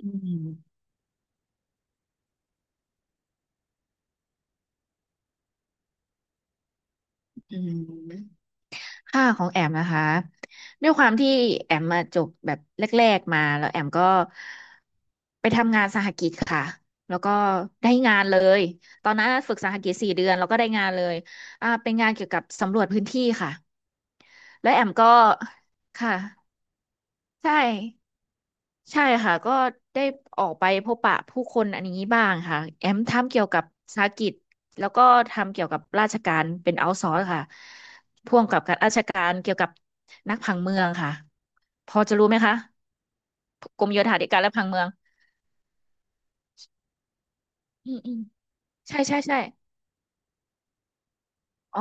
อืมอืมค่าของแอมนะคะด้วยความที่แอมมาจบแบบแรกๆมาแล้วแอมก็ไปทำงานสหกิจค่ะแล้วก็ได้งานเลยตอนนั้นฝึกสหกิจ4 เดือนแล้วก็ได้งานเลยเป็นงานเกี่ยวกับสำรวจพื้นที่ค่ะแล้วแอมก็ค่ะใช่ ใช่ค่ะก็ได้ออกไปพบปะผู้คนอันนี้บ้างค่ะแอมทำเกี่ยวกับธุรกิจแล้วก็ทำเกี่ยวกับราชการเป็นเอาท์ซอร์ค่ะพ่วงกับการราชการเกี่ยวกับนักผังเมืองค่ะพอจะรู้ไหมคะกรมโยธาธิการและผังเมืองอืมอืมใช่ใช่ใช่อ๋อ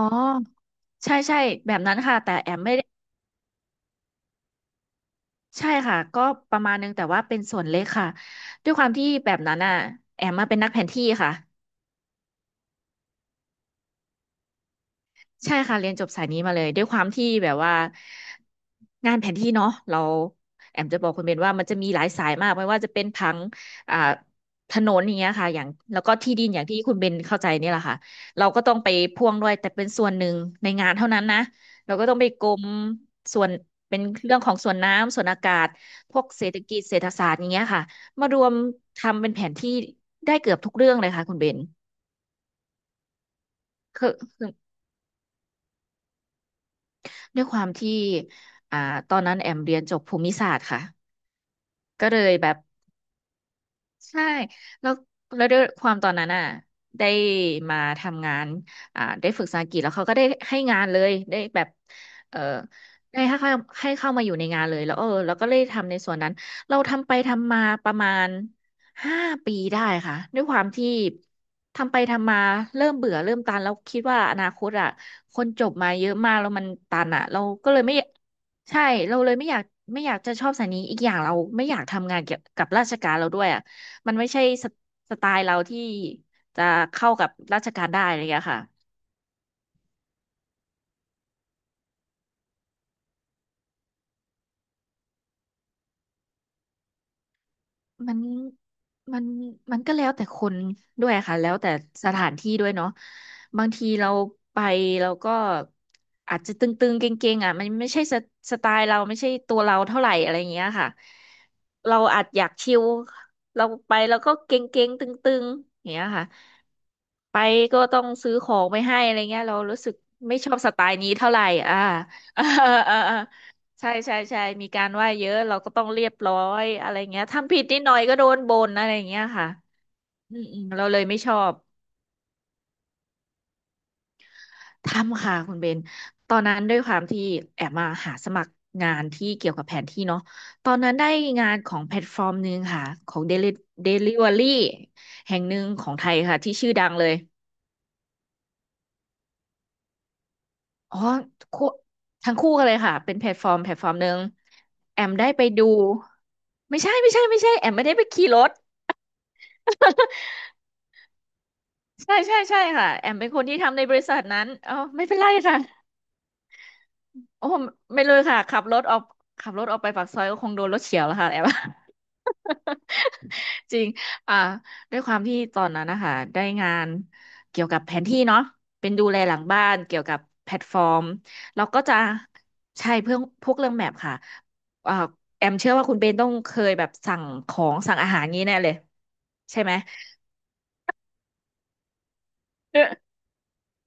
ใช่ใช่แบบนั้นค่ะแต่แอมไม่ได้ใช่ค่ะก็ประมาณนึงแต่ว่าเป็นส่วนเล็กค่ะด้วยความที่แบบนั้นอ่ะแอมมาเป็นนักแผนที่ค่ะ ใช่ค่ะเรียนจบสายนี้มาเลยด้วยความที่แบบว่างานแผนที่เนาะเราแอมจะบอกคุณเบนว่ามันจะมีหลายสายมากไม่ว่าจะเป็นผังอ่าถนนอย่างเงี้ยค่ะอย่างแล้วก็ที่ดินอย่างที่คุณเบนเข้าใจนี่แหละค่ะเราก็ต้องไปพ่วงด้วยแต่เป็นส่วนหนึ่งในงานเท่านั้นนะเราก็ต้องไปกรมส่วนเป็นเรื่องของส่วนน้ำส่วนอากาศพวกเศรษฐกิจเศรษฐศาสตร์อย่างเงี้ยค่ะมารวมทำเป็นแผนที่ได้เกือบทุกเรื่องเลยค่ะคุณเบนคือ ด้วยความที่อ่าตอนนั้นแอมเรียนจบภูมิศาสตร์ค่ะ ก็เลยแบบ ใช่แล้วด้วยความตอนนั้นอ่ะได้มาทำงานได้ฝึกภาษาอังกฤษแล้วเขาก็ได้ให้งานเลยได้แบบเออได้ให้เข้ามาอยู่ในงานเลยแล้วเออแล้วก็เลยทำในส่วนนั้นเราทำไปทำมาประมาณ5 ปีได้ค่ะด้วยความที่ทำไปทำมาเริ่มเบื่อเริ่มตันแล้วคิดว่าอนาคตอ่ะคนจบมาเยอะมากแล้วมันตันอ่ะเราก็เลยไม่ใช่เราเลยไม่อยากจะชอบสายนี้อีกอย่างเราไม่อยากทำงานเกี่ยวกับราชการเราด้วยอ่ะ มันไม่ใช่สไตล์เราที่จะเข้ากับราชการได้อะไรอย่างเงี้ยค่ะ มันมันมันก็แล้วแต่คนด้วยค่ะแล้วแต่สถานที่ด้วยเนาะบางทีเราไปเราก็อาจจะตึงๆเก่งๆอ่ะมันไม่ใช่สไตล์เราไม่ใช่ตัวเราเท่าไหร่อะไรอย่างเงี้ยค่ะเราอาจอยากชิลเราไปเราก็เก่งๆตึงๆอย่างเงี้ยค่ะไปก็ต้องซื้อของไปให้อะไรเงี้ยเรารู้สึกไม่ชอบสไตล์นี้เท่าไหร่อ่า อ่าอ่า ใช่ใช่ใช่มีการว่าเยอะเราก็ต้องเรียบร้อยอะไรเงี้ยทำผิดนิดหน่อยก็โดนบ่นอะไรเงี้ยค่ะเราเลยไม่ชอบทำค่ะคุณเบนตอนนั้นด้วยความที่แอบมาหาสมัครงานที่เกี่ยวกับแผนที่เนาะตอนนั้นได้งานของแพลตฟอร์มหนึ่งค่ะของเดลิเวอรี่แห่งหนึ่งของไทยค่ะที่ชื่อดังเลยอ๋อคู่ทั้งคู่กันเลยค่ะเป็นแพลตฟอร์มหนึ่งแอมได้ไปดูไม่ใช่แอมไม่ได้ไปขี่รถ ใช่ใช่ใช่ค่ะแอมเป็นคนที่ทำในบริษัทนั้นเออไม่เป็นไรค่ะโอ้ไม่เลยค่ะขับรถออกไปปากซอยก็คงโดนรถเฉียวแล้วค่ะแอม จริงอ่าด้วยความที่ตอนนั้นนะคะได้งานเกี่ยวกับแผนที่เนาะเป็นดูแลหลังบ้านเกี่ยวกับแพลตฟอร์มเราก็จะใช่เพื่อพวกเรื่องแมพค่ะอ่าแอมเชื่อว่าคุณเบนต้องเคยแบบสั่งของสั่งอาหารงี้แน่เลยใช่ไหม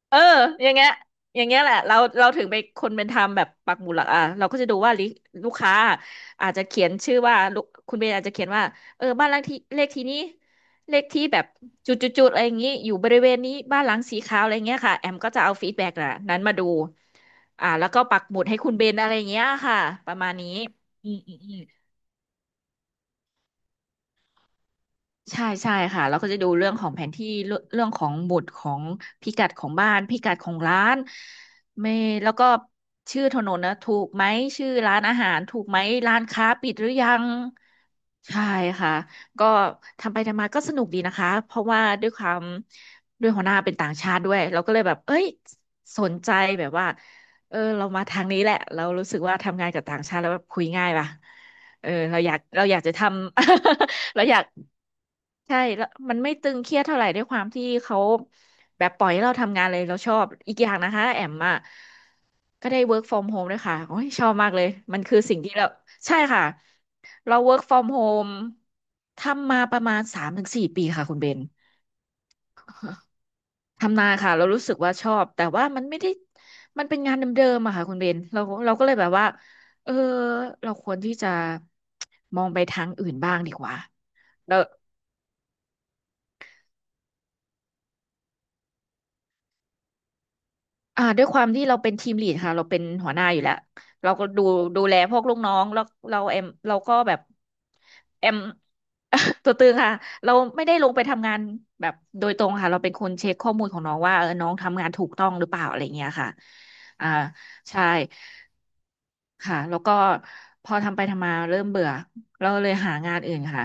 เอออย่างเงี้ยแหละเราเราถึงไปคนเป็นทำแบบปักหมุดหลักอ่ะเราก็จะดูว่าลูกค้าอาจจะเขียนชื่อว่าลูกคุณเบนอาจจะเขียนว่าเออบ้านหลังที่เลขที่นี้เลขที่แบบจุดๆๆอะไรอย่างงี้อยู่บริเวณนี้บ้านหลังสีขาวอะไรเงี้ยค่ะแอมก็จะเอาฟีดแบ็กน่ะนั้นมาดูแล้วก็ปักหมุดให้คุณเบนอะไรอย่างเงี้ยค่ะประมาณนี้อืมอืมอืม ใช่ใช่ค่ะเราก็จะดูเรื่องของแผนที่เรื่องของหมุดของพิกัดของบ้านพิกัดของร้านไม่แล้วก็ชื่อถนนนะถูกไหมชื่อร้านอาหารถูกไหมร้านค้าปิดหรือยังใช่ค่ะก็ทำไปทำมาก็สนุกดีนะคะเพราะว่าด้วยความด้วยหัวหน้าเป็นต่างชาติด้วยเราก็เลยแบบเอ้ยสนใจแบบว่าเออเรามาทางนี้แหละเรารู้สึกว่าทำงานกับต่างชาติแล้วแบบคุยง่ายป่ะเออเราอยากเราอยากจะทำ เราอยาก ใช่แล้วมันไม่ตึงเครียดเท่าไหร่ด้วยความที่เขาแบบปล่อยให้เราทำงานเลยเราชอบอีกอย่างนะคะแอมอ่ะก็ได้ work from home ด้วยค่ะโอ้ยชอบมากเลยมันคือสิ่งที่เราใช่ค่ะเรา work from home ทำมาประมาณสามถึงสี่ปีค่ะคุณเบนทำนานค่ะเรารู้สึกว่าชอบแต่ว่ามันไม่ได้มันเป็นงานเดิมๆอะค่ะคุณเบนเราเราก็เลยแบบว่าเออเราควรที่จะมองไปทางอื่นบ้างดีกว่าแล้ว อ่าด้วยความที่เราเป็นทีมลีดค่ะเราเป็นหัวหน้าอยู่แล้วเราก็ดูดูแลพวกลูกน้องแล้วเราเอ็มเราก็แบบเอ็ม ตัวตึงค่ะเราไม่ได้ลงไปทำงานแบบโดยตรงค่ะเราเป็นคนเช็คข้อมูลของน้องว่าเออน้องทำงานถูกต้องหรือเปล่าอะไรเงี้ยค่ะอ่าใช่ค่ะแล้วก็พอทำไปทำมาเริ่มเบื่อเราเลยหางานอื่นค่ะ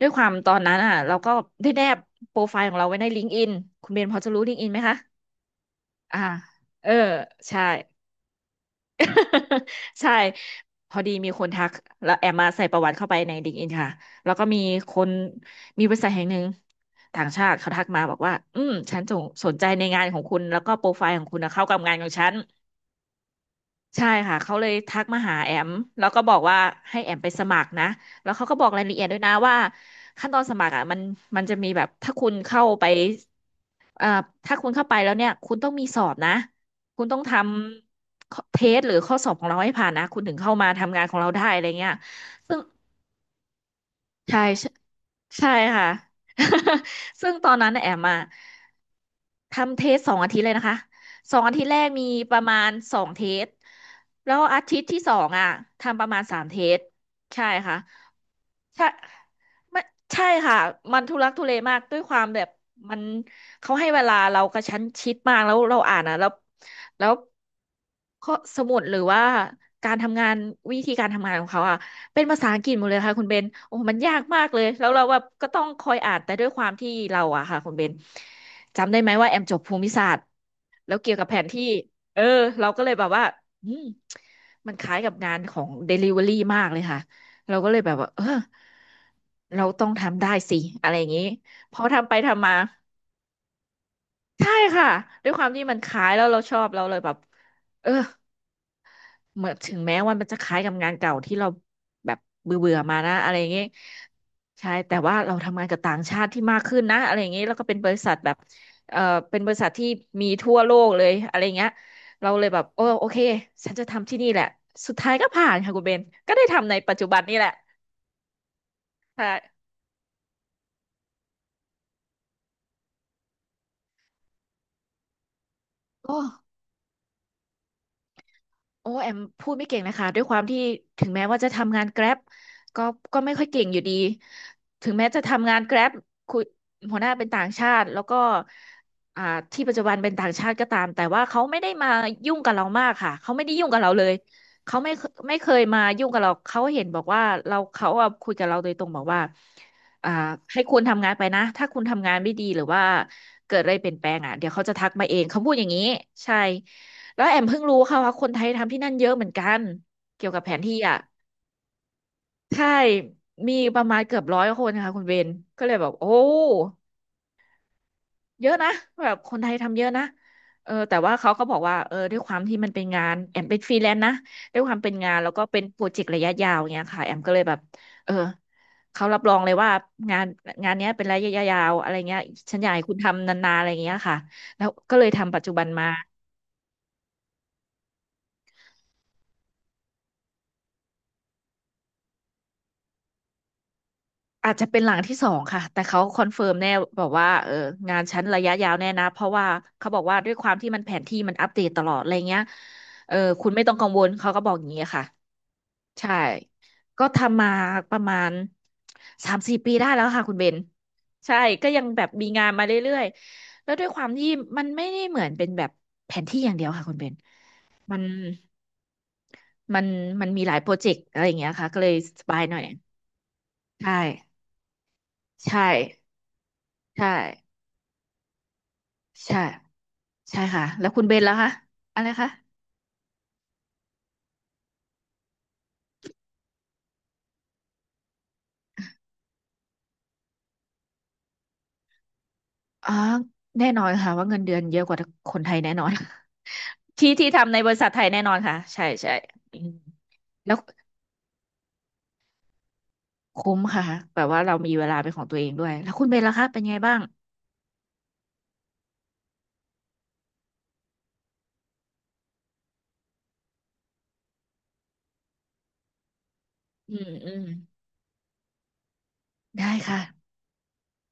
ด้วยความตอนนั้นอ่ะเราก็ได้แนบโปรไฟล์ของเราไว้ในลิงก์อินคุณเบนพอจะรู้ลิงก์อินไหมคะอ่าเออใช่ ใช่พอดีมีคนทักแล้วแอมมาใส่ประวัติเข้าไปใน LinkedIn ค่ะแล้วก็มีคนมีบริษัทแห่งหนึ่งต่างชาติเขาทักมาบอกว่าอืมฉันสนใจในงานของคุณแล้วก็โปรไฟล์ของคุณนะเข้ากับงานของฉันใช่ค่ะเขาเลยทักมาหาแอมแล้วก็บอกว่าให้แอมไปสมัครนะแล้วเขาก็บอกรายละเอียดด้วยนะว่าขั้นตอนสมัครอ่ะมันมันจะมีแบบถ้าคุณเข้าไป อ่าถ้าคุณเข้าไปแล้วเนี่ยคุณต้องมีสอบนะคุณต้องทำเทสหรือข้อสอบของเราให้ผ่านนะคุณถึงเข้ามาทำงานของเราได้อะไรเงี้ยซึ่งใช่ใช่ใช่ค่ะ ซึ่งตอนนั้นน่ะแอมมาทำเทสสองอาทิตย์เลยนะคะสองอาทิตย์แรกมีประมาณสองเทสแล้วอาทิตย์ที่สองอ่ะทำประมาณสามเทสใช่ค่ะ ใช่ไม่ใช่ค่ะมันทุลักทุเลมากด้วยความแบบมันเขาให้เวลาเรากระชั้นชิดมากแล้วเราอ่านอ่ะแล้วแล้วข้อสมุดหรือว่าการทำงานวิธีการทำงานของเขาอ่ะเป็นภาษาอังกฤษหมดเลยค่ะคุณเบนโอ้มันยากมากเลยแล้วเราแบบก็ต้องคอยอ่านแต่ด้วยความที่เราอ่ะค่ะคุณเบนจำได้ไหมว่าแอมจบภูมิศาสตร์แล้วเกี่ยวกับแผนที่เออเราก็เลยแบบว่าอืมมันคล้ายกับงานของ Delivery มากเลยค่ะ เราก็เลยแบบว่าเออเราต้องทำได้สิอะไรอย่างนี้พอทำไปทำมาใช่ค่ะด้วยความที่มันคล้ายแล้วเราชอบเราเลยแบบเออเหมือนถึงแม้ว่ามันจะคล้ายกับงานเก่าที่เราแบบเบื่อเบื่อมานะอะไรอย่างนี้ใช่แต่ว่าเราทำงานกับต่างชาติที่มากขึ้นนะอะไรอย่างนี้แล้วก็เป็นบริษัทแบบเออเป็นบริษัทที่มีทั่วโลกเลยอะไรอย่างเงี้ยเราเลยแบบโอเคฉันจะทำที่นี่แหละสุดท้ายก็ผ่านค่ะคุณเบนก็ได้ทำในปัจจุบันนี่แหละใช่โอ้ โอ้แอมพูดไม่เก่งนะคะด้วยความที่ถึงแม้ว่าจะทำงาน Grab ก็ก็ไม่ค่อยเก่งอยู่ดีถึงแม้จะทำงาน Grab คุยหัวหน้าเป็นต่างชาติแล้วก็อ่าที่ปัจจุบันเป็นต่างชาติก็ตามแต่ว่าเขาไม่ได้มายุ่งกับเรามากค่ะเขาไม่ได้ยุ่งกับเราเลยเขาไม่เคยมายุ่งกับเราเขาเห็นบอกว่าเราเขาอะคุยกับเราโดยตรงบอกว่าอ่าให้คุณทำงานไปนะถ้าคุณทำงานไม่ดีหรือว่าเกิดอะไรเปลี่ยนแปลงอ่ะเดี๋ยวเขาจะทักมาเองเขาพูดอย่างนี้ใช่ แล้วแอมเพิ่งรู้ค่ะว่าคนไทยทำที่นั่นเยอะเหมือนกันเกี่ยวกับแผนที่อ่ะใช่มีประมาณเกือบร้อยคนค่ะคุณเบนก็เลยแบบโอ้เยอะนะแบบคนไทยทำเยอะนะเออแต่ว่าเขาก็บอกว่าเออด้วยความที่มันเป็นงานแอมเป็นฟรีแลนซ์นะด้วยความเป็นงานแล้วก็เป็นโปรเจกต์ระยะยาวเงี้ยค่ะแอมก็เลยแบบเออเขารับรองเลยว่างานงานเนี้ยเป็นระยะยาวอะไรเงี้ยฉันอยากให้คุณทำนานๆอะไรเงี้ยค่ะแล้วก็เลยทำปัจจุบันมา อาจจะเป็นหลังที่สองค่ะแต่เขาคอนเฟิร์มแน่บอกว่าเอองานชั้นระยะยาวแน่นะเพราะว่าเขาบอกว่าด้วยความที่มันแผนที่มันอัปเดตตลอดอะไรเงี้ยเออคุณไม่ต้องกังวลเขาก็บอกอย่างนี้ค่ะใช่ก็ทำมาประมาณสามสี่ปีได้แล้วค่ะคุณเบนใช่ก็ยังแบบมีงานมาเรื่อยๆแล้วด้วยความที่มันไม่ได้เหมือนเป็นแบบแผนที่อย่างเดียวค่ะคุณเบนมันมันมันมีหลายโปรเจกต์อะไรอย่างเงี้ยค่ะก็เลยสบายหน่อยใช่ใช่ใช่ใช่ ใช่ค่ะ แล้วคุณเบนแล้วคะอะไรคะอ๋อแน่นอนค่ะว่าเงินเดือนเยอะกว่าคนไทยแน่นอน ที่ทำในบริษัทไทยแน่นอนค่ะใช่ใช่อืมแล้วคุ้มค่ะแบบว่าเรามีเวลาเป็นของตัวเองด้วย แล้วคุณเบนล่ะคะเป็นไงบ้างอืมอืมได้ค่ะ